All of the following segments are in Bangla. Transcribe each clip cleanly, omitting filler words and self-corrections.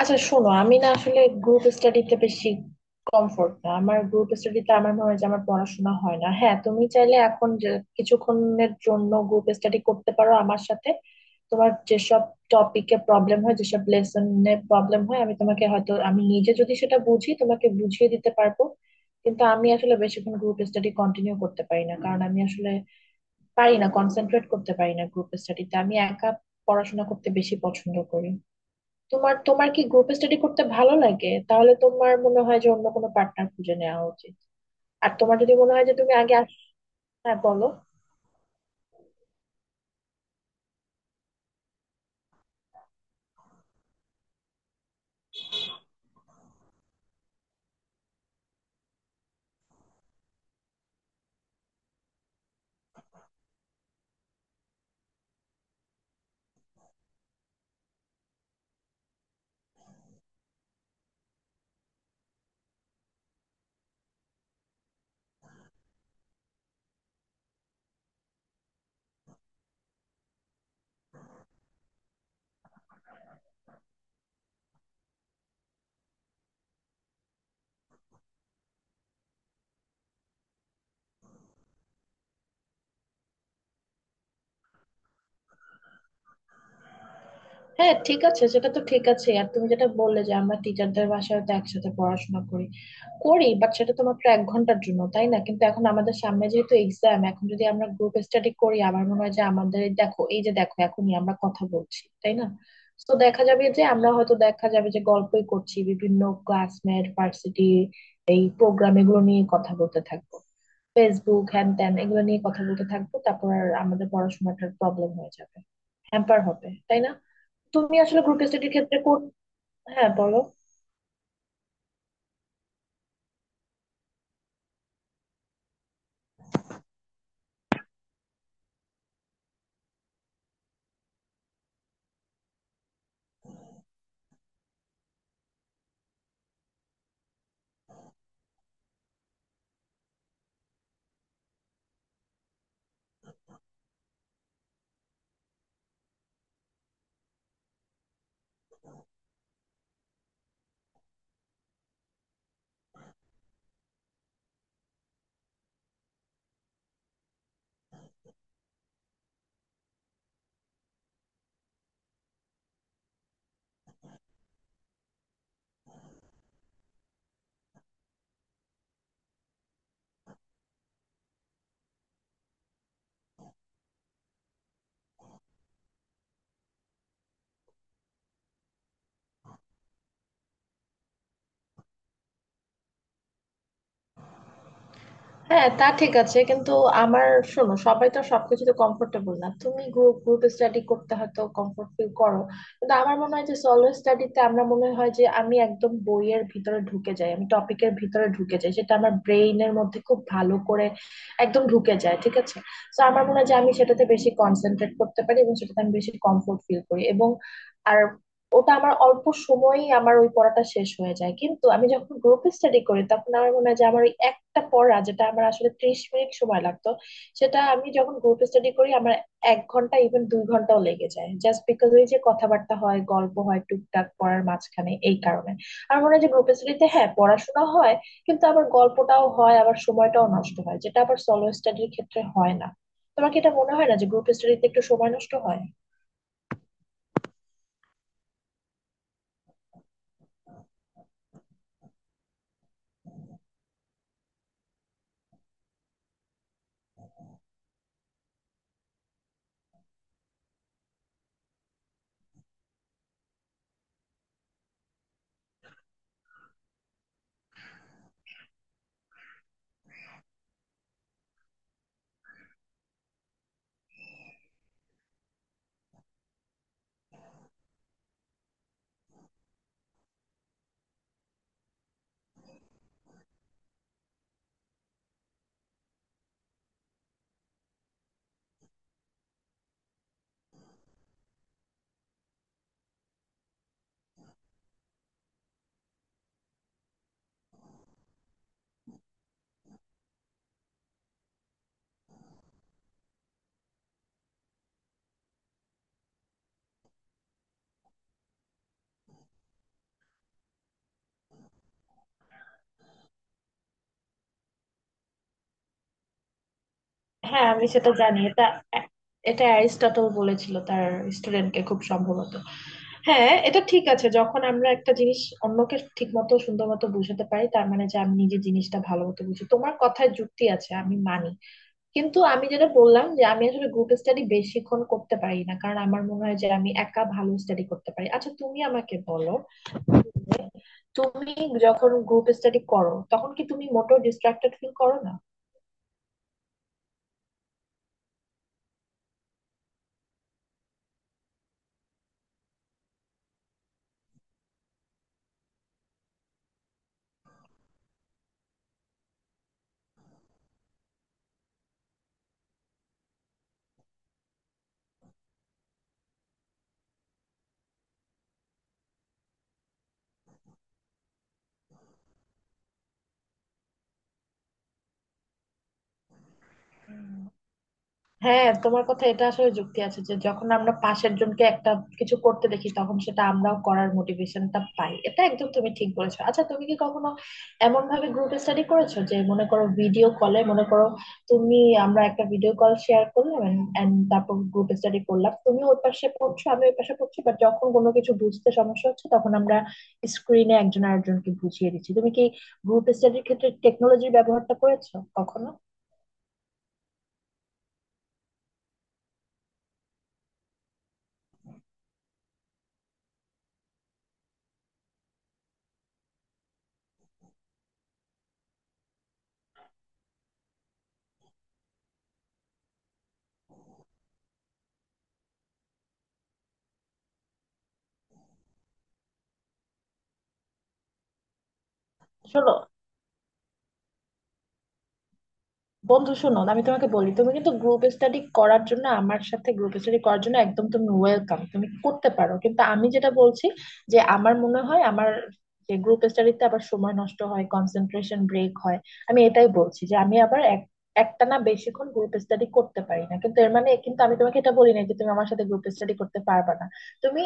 আচ্ছা শোনো, আমি না আসলে গ্রুপ স্টাডিতে বেশি কমফোর্ট না। আমার গ্রুপ স্টাডিতে আমার মনে হয় যে আমার পড়াশোনা হয় না। হ্যাঁ, তুমি চাইলে এখন যে কিছুক্ষণের জন্য গ্রুপ স্টাডি করতে পারো আমার সাথে। তোমার যেসব টপিকে প্রবলেম হয়, যেসব লেসনে প্রবলেম হয়, আমি তোমাকে হয়তো, আমি নিজে যদি সেটা বুঝি, তোমাকে বুঝিয়ে দিতে পারবো। কিন্তু আমি আসলে বেশিক্ষণ গ্রুপ স্টাডি কন্টিনিউ করতে পারি না, কারণ আমি আসলে পারি না, কনসেন্ট্রেট করতে পারি না গ্রুপ স্টাডিতে। আমি একা পড়াশোনা করতে বেশি পছন্দ করি। তোমার তোমার কি গ্রুপ স্টাডি করতে ভালো লাগে? তাহলে তোমার মনে হয় যে অন্য কোনো পার্টনার খুঁজে নেওয়া উচিত, আর তোমার যদি মনে হয় যে তুমি আগে আস। হ্যাঁ বলো। হ্যাঁ ঠিক আছে, সেটা তো ঠিক আছে। আর তুমি যেটা বললে যে আমরা টিচারদের বাসায় তো একসাথে পড়াশোনা করি করি বাট সেটা তো মাত্র 1 ঘন্টার জন্য, তাই না? কিন্তু এখন আমাদের সামনে যেহেতু এক্সাম, এখন যদি আমরা গ্রুপ স্টাডি করি, আমার মনে হয় যে আমাদের এই দেখো, এই যে দেখো, এখনই আমরা কথা বলছি, তাই না? তো দেখা যাবে যে আমরা হয়তো, দেখা যাবে যে গল্পই করছি, বিভিন্ন ক্লাসমেট, ভার্সিটি, এই প্রোগ্রাম এগুলো নিয়ে কথা বলতে থাকবো, ফেসবুক হ্যান ত্যান এগুলো নিয়ে কথা বলতে থাকবো, তারপর আর আমাদের পড়াশোনাটার প্রবলেম হয়ে যাবে, হ্যাম্পার হবে, তাই না? তুমি আসলে গ্রুপ স্টাডির ক্ষেত্রে কোন... হ্যাঁ বলো। হ্যাঁ তা ঠিক আছে, কিন্তু আমার... শোনো, সবাই তো সবকিছুতে কমফোর্টেবল না। তুমি গ্রুপ গ্রুপ স্টাডি করতে হয়তো কমফোর্ট ফিল করো, কিন্তু আমার মনে হয় যে সলো স্টাডিতে আমরা মনে হয় যে আমি একদম বইয়ের ভিতরে ঢুকে যাই, আমি টপিকের ভিতরে ঢুকে যাই, সেটা আমার ব্রেইনের মধ্যে খুব ভালো করে একদম ঢুকে যায়, ঠিক আছে? তো আমার মনে হয় যে আমি সেটাতে বেশি কনসেন্ট্রেট করতে পারি এবং সেটাতে আমি বেশি কমফোর্ট ফিল করি, এবং আর ওটা আমার অল্প সময়ই আমার ওই পড়াটা শেষ হয়ে যায়। কিন্তু আমি যখন গ্রুপ স্টাডি করি তখন আমার মনে হয় যে আমার ওই একটা পড়া যেটা আমার আসলে 30 মিনিট সময় লাগতো, সেটা আমি যখন গ্রুপ স্টাডি করি আমার 1 ঘন্টা ইভেন 2 ঘন্টাও লেগে যায়, জাস্ট বিকজ ওই যে কথাবার্তা হয়, গল্প হয় টুকটাক পড়ার মাঝখানে, এই কারণে। আমার মনে হয় যে গ্রুপ স্টাডিতে হ্যাঁ পড়াশোনা হয়, কিন্তু আবার গল্পটাও হয়, আবার সময়টাও নষ্ট হয়, যেটা আবার সলো স্টাডির ক্ষেত্রে হয় না। তোমার কি এটা মনে হয় না যে গ্রুপ স্টাডিতে একটু সময় নষ্ট হয়? হ্যাঁ, আমি সেটা জানি। এটা এটা অ্যারিস্টটল বলেছিল তার স্টুডেন্টকে, খুব সম্ভবত। হ্যাঁ এটা ঠিক আছে, যখন আমরা একটা জিনিস অন্যকে ঠিক মতো, সুন্দর মতো বুঝাতে পারি, তার মানে যে আমি নিজে জিনিসটা ভালো মতো বুঝি। তোমার কথায় যুক্তি আছে, আমি মানি। কিন্তু আমি যেটা বললাম যে আমি আসলে গ্রুপ স্টাডি বেশিক্ষণ করতে পারি না, কারণ আমার মনে হয় যে আমি একা ভালো স্টাডি করতে পারি। আচ্ছা তুমি আমাকে বলো, তুমি যখন গ্রুপ স্টাডি করো তখন কি তুমি মোটেও ডিস্ট্রাক্টেড ফিল করো না? হ্যাঁ, তোমার কথা, এটা আসলে যুক্তি আছে যে যখন আমরা পাশের জনকে একটা কিছু করতে দেখি তখন সেটা আমরাও করার মোটিভেশনটা পাই, এটা একদম তুমি ঠিক বলেছো। আচ্ছা তুমি কি কখনো এমন ভাবে গ্রুপ স্টাডি করেছো যে মনে করো ভিডিও কলে, মনে করো তুমি, আমরা একটা ভিডিও কল শেয়ার করলাম এন্ড তারপর গ্রুপ স্টাডি করলাম, তুমি ওর পাশে পড়ছো, আমি ওর পাশে পড়ছি, বাট যখন কোনো কিছু বুঝতে সমস্যা হচ্ছে তখন আমরা স্ক্রিনে একজন আরেকজনকে বুঝিয়ে দিচ্ছি। তুমি কি গ্রুপ স্টাডির ক্ষেত্রে টেকনোলজির ব্যবহারটা করেছো কখনো? শোনো বন্ধু, শোনো, আমি তোমাকে বলি, তুমি কিন্তু গ্রুপ স্টাডি করার জন্য, আমার সাথে গ্রুপ স্টাডি করার জন্য একদম তুমি ওয়েলকাম, তুমি করতে পারো। কিন্তু আমি যেটা বলছি, যে আমার মনে হয় যে গ্রুপ স্টাডিতে আবার সময় নষ্ট হয়, কনসেন্ট্রেশন ব্রেক হয়, আমি এটাই বলছি যে আমি আবার একটানা বেশিক্ষণ গ্রুপ স্টাডি করতে পারি না, কিন্তু এর মানে কিন্তু আমি তোমাকে এটা বলি না যে তুমি আমার সাথে গ্রুপ স্টাডি করতে পারবে না। তুমি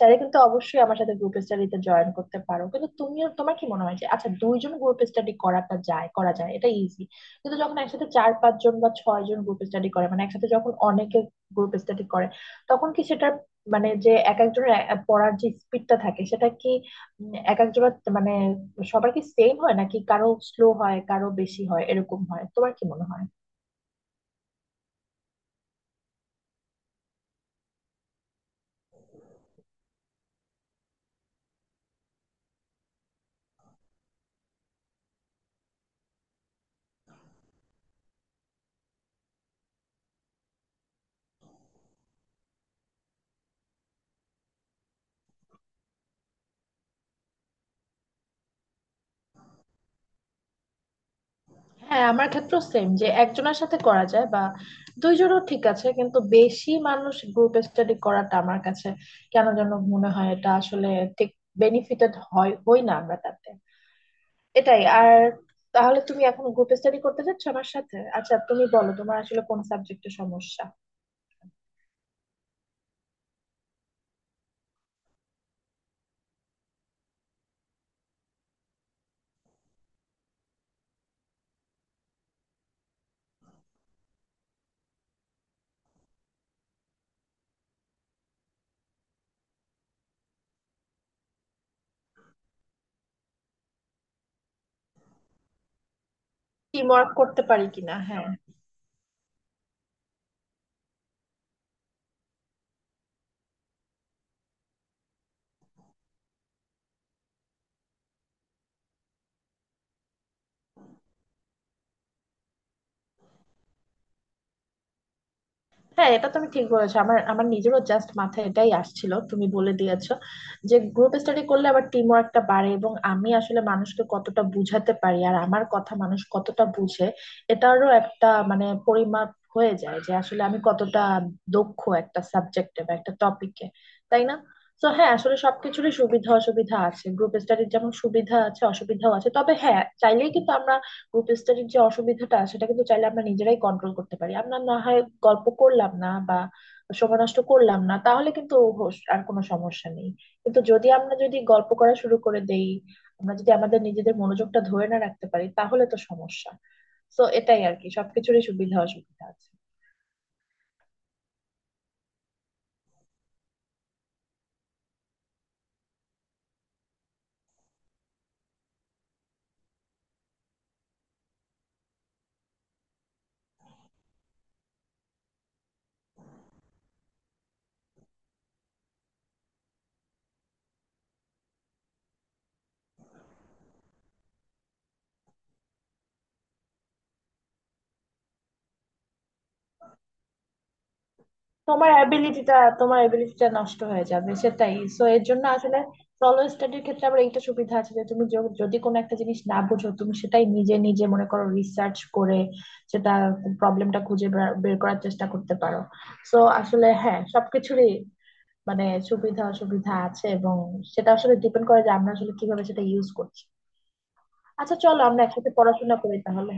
চাইলে কিন্তু অবশ্যই আমার সাথে গ্রুপ স্টাডিতে জয়েন করতে পারো। কিন্তু তুমিও, তোমার কি মনে হয় যে আচ্ছা, দুইজন গ্রুপ স্টাডি করা যায়, এটা ইজি। কিন্তু যখন একসাথে চার পাঁচ জন বা ছয় জন গ্রুপ স্টাডি করে, মানে একসাথে যখন অনেকে গ্রুপ স্টাডি করে, তখন কি সেটা, মানে যে এক একজনের পড়ার যে স্পিডটা থাকে সেটা কি, এক একজনের মানে, সবার কি সেম হয় নাকি কারো স্লো হয় কারো বেশি হয়, এরকম হয়, তোমার কি মনে হয়? হ্যাঁ, আমার ক্ষেত্রেও সেম, যে একজনের সাথে করা যায় বা দুইজনও ঠিক আছে, কিন্তু বেশি মানুষ গ্রুপ স্টাডি করাটা আমার কাছে কেন যেন মনে হয়, এটা আসলে ঠিক বেনিফিটেড হয় হই না আমরা তাতে, এটাই আর। তাহলে তুমি এখন গ্রুপ স্টাডি করতে চাচ্ছ আমার সাথে? আচ্ছা তুমি বলো, তোমার আসলে কোন সাবজেক্টে সমস্যা? টিম ওয়ার্ক করতে পারি কিনা, হ্যাঁ। হ্যাঁ এটা তুমি ঠিক বলেছো, আমার আমার নিজেরও জাস্ট মাথায় এটাই আসছিল, তুমি বলে দিয়েছো, যে গ্রুপ স্টাডি করলে আবার টিম ওয়ার্কটা বাড়ে, এবং আমি আসলে মানুষকে কতটা বুঝাতে পারি আর আমার কথা মানুষ কতটা বুঝে, এটারও একটা মানে পরিমাপ হয়ে যায় যে আসলে আমি কতটা দক্ষ একটা সাবজেক্টে বা একটা টপিকে, তাই না? তো হ্যাঁ, আসলে সবকিছুরই সুবিধা অসুবিধা আছে, গ্রুপ স্টাডির যেমন সুবিধা আছে অসুবিধাও আছে, তবে হ্যাঁ চাইলেই কিন্তু আমরা গ্রুপ স্টাডির যে অসুবিধাটা, সেটা কিন্তু চাইলে আমরা নিজেরাই কন্ট্রোল করতে পারি, আমরা না হয় গল্প করলাম না বা সময় নষ্ট করলাম না, তাহলে কিন্তু আর কোনো সমস্যা নেই। কিন্তু যদি আমরা যদি গল্প করা শুরু করে দেই, আমরা যদি আমাদের নিজেদের মনোযোগটা ধরে না রাখতে পারি, তাহলে তো সমস্যা। তো এটাই আর কি, সবকিছুরই সুবিধা অসুবিধা আছে। তোমার অ্যাবিলিটিটা নষ্ট হয়ে যাবে সেটাই, সো এর জন্য আসলে সলো স্টাডির ক্ষেত্রে আবার এইটা সুবিধা আছে যে তুমি যদি কোনো একটা জিনিস না বুঝো, তুমি সেটাই নিজে নিজে মনে করো, রিসার্চ করে সেটা প্রবলেমটা খুঁজে বের বের করার চেষ্টা করতে পারো। সো আসলে হ্যাঁ, সবকিছুরই মানে সুবিধা অসুবিধা আছে, এবং সেটা আসলে ডিপেন্ড করে যে আমরা আসলে কিভাবে সেটা ইউজ করছি। আচ্ছা চলো আমরা একসাথে পড়াশোনা করি তাহলে।